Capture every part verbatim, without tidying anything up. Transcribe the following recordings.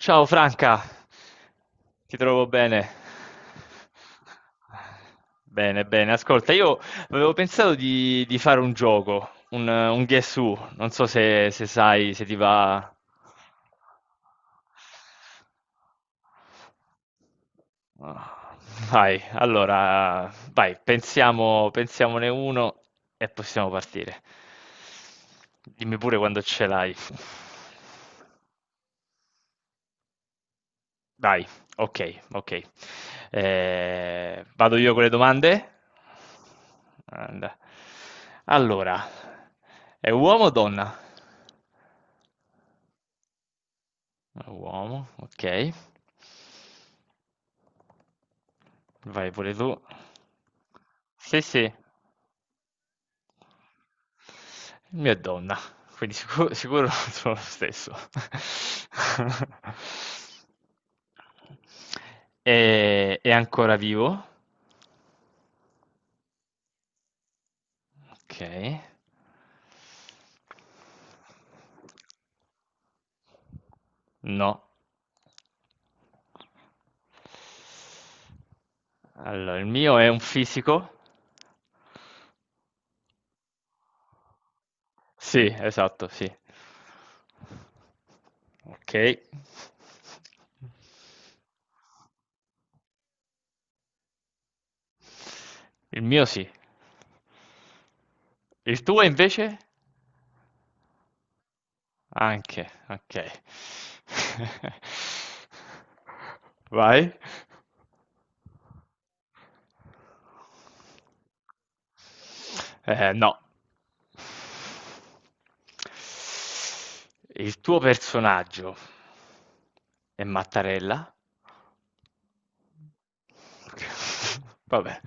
Ciao Franca, ti trovo bene. Bene, bene, ascolta, io avevo pensato di, di fare un gioco, un, un Guess Who, non so se, se sai, se ti va. Ah, vai, allora, vai, pensiamo, pensiamone uno e possiamo partire. Dimmi pure quando ce l'hai. Vai, ok, ok. Eh, vado io con le domande? And- Allora, è uomo o donna? È uomo, ok. Vai pure tu. Sì, sì, il mio è donna, quindi sicuro, sicuro sono lo stesso. È, è ancora vivo? Ok. No. Allora, il mio è un fisico. Sì, esatto, sì. Ok. Il mio sì. Il tuo invece? Anche, okay. Vai. Eh, no. Il tuo personaggio è Mattarella? Vabbè.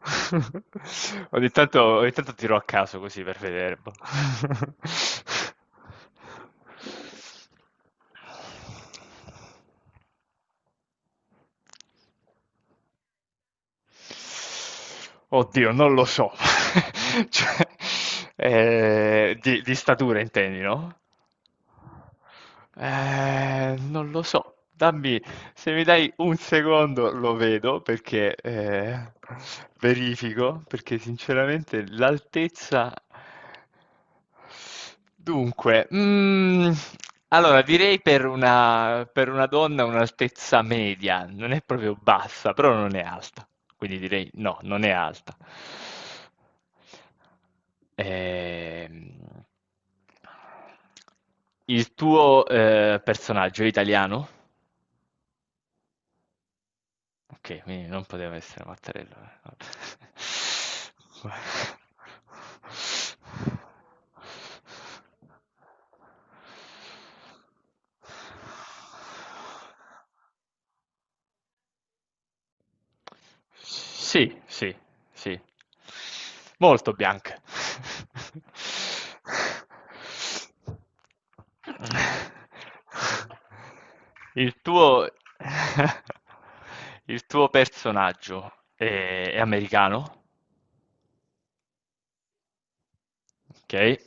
Ogni tanto, ogni tanto tiro a caso così per vedere, boh. Oddio, non lo so. Cioè, eh, di, di statura intendi, no? Eh, non lo so. Dammi, Se mi dai un secondo lo vedo perché eh, verifico, perché sinceramente l'altezza... Dunque, mm, allora direi per una, per una donna un'altezza media, non è proprio bassa, però non è alta, quindi direi no, non è alta. Ehm, il tuo eh, personaggio è italiano? Okay, quindi non poteva essere Mattarella, eh, vabbè. Sì, sì, sì. Molto bianche. Il tuo il tuo personaggio è è americano? Okay.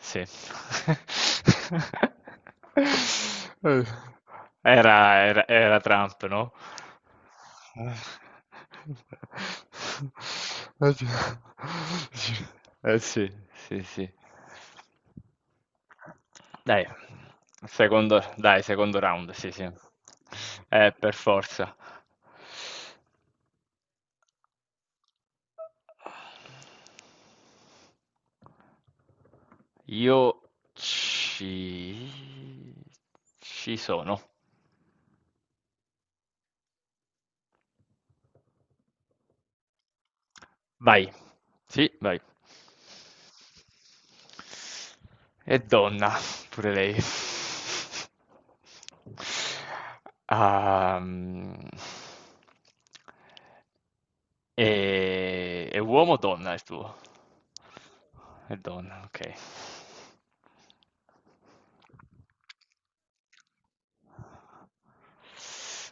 Sì. Uhm, era era era Trump, no? Oddio. Sì. Eh sì, sì, sì. Dai, secondo dai, secondo round, sì, sì. Eh, per forza. Io ci... ci sono. Vai. Sì, vai. E donna, pure lei. Ehm, e... È uomo o donna il tuo? È donna, ok.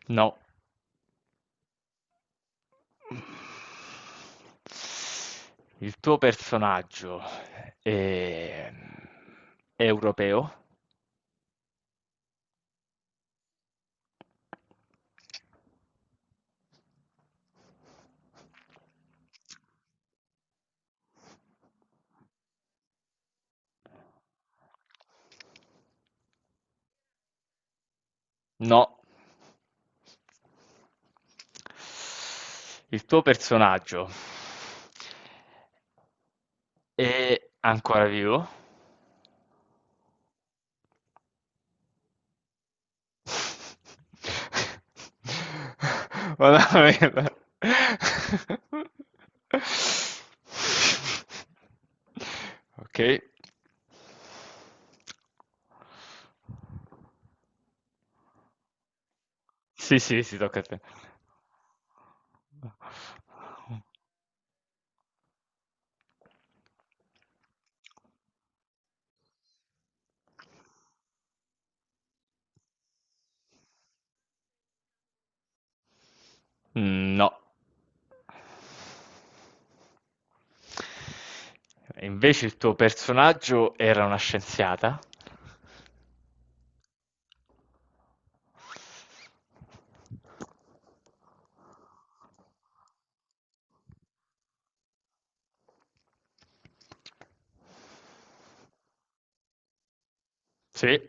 No. Il tuo personaggio è è europeo? No. Il tuo personaggio è ancora vivo? Veramente. Ok. Sì, sì, sì, tocca a te. Mm, No. Invece il tuo personaggio era una scienziata? Sì.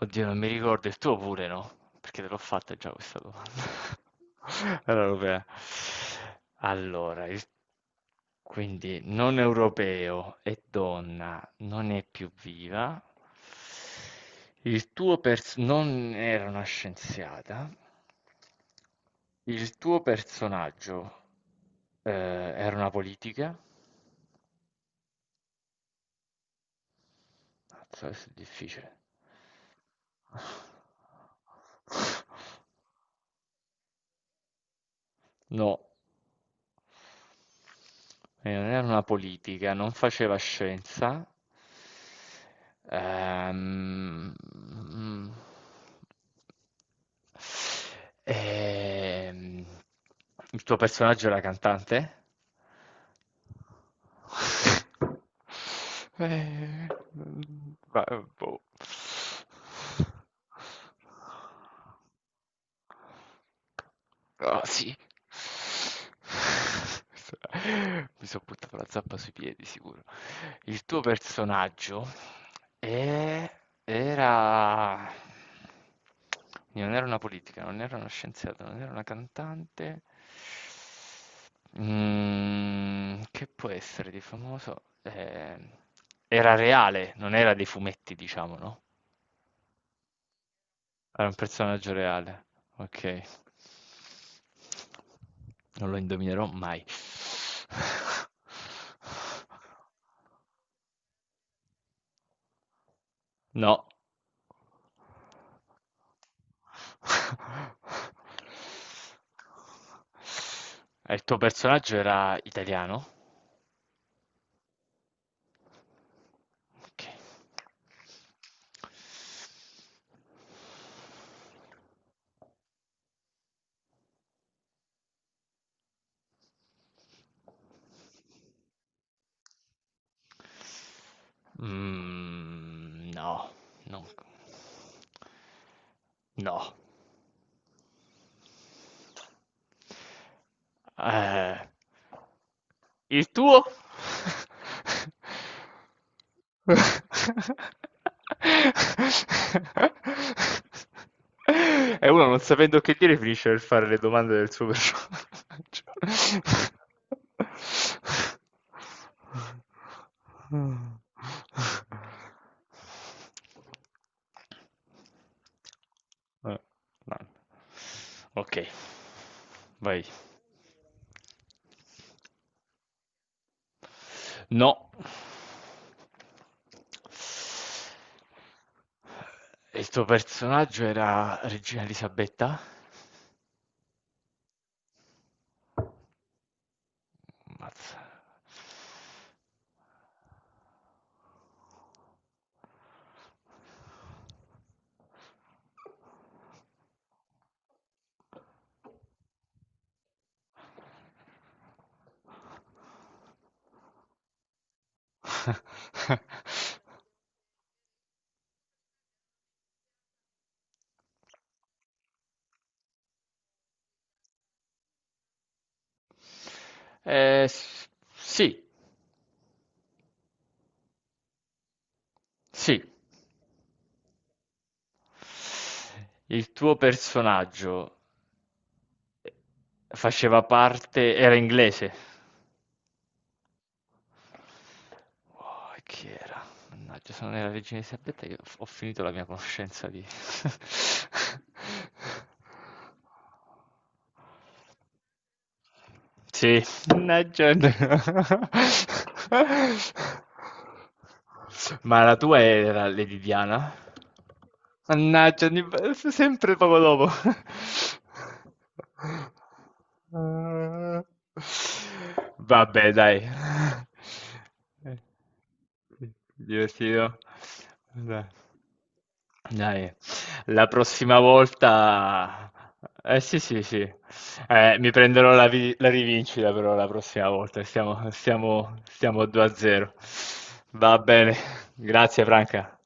Oddio, non mi ricordo, il tuo pure no? Perché te l'ho fatta già questa domanda. Allora, europea. Allora, il- quindi non europeo e donna non è più viva. Il tuo pers- non era una scienziata. Il tuo personaggio eh, era una politica. Mazza, questo è difficile. No, eh, non era una politica, non faceva scienza. Ehm, mm, Ehm, il tuo personaggio era cantante? Eh, mm, ma, eh, Boh. Oh, sì. Questa mi son buttato la zappa sui piedi sicuro. Il tuo personaggio è era non era una politica, non era una scienziata, non era una cantante. Mhmm, che può essere di famoso? Ehm, era reale, non era dei fumetti diciamo, no? Era un personaggio reale, ok. Non lo indovinerò mai. No. E il tuo personaggio era italiano? Ok. Mm, no, non- no. Eh. Il tuo? E uno non sapendo che dire finisce per fare le domande del suo personaggio. Eh, no. Ok, vai. No. Il tuo personaggio era Regina Elisabetta? Ammazza. Eh, s- sì, sì. Il tuo personaggio faceva parte, era inglese. Oh, e chi era? Mannaggia, sono nella regina Elisabetta che ho ho finito la mia conoscenza di... Sì, legend. Ma la tua era Lady Diana? Mannaggia, ogni vo- sempre poco dopo. Vabbè, dai. Eh, sì, divertito. Dai. Dai, la prossima volta... Eh sì, sì, sì. Eh, mi prenderò la, vi- la rivincita però la prossima volta. Stiamo, stiamo, stiamo due a zero. Va bene. Grazie, Franca.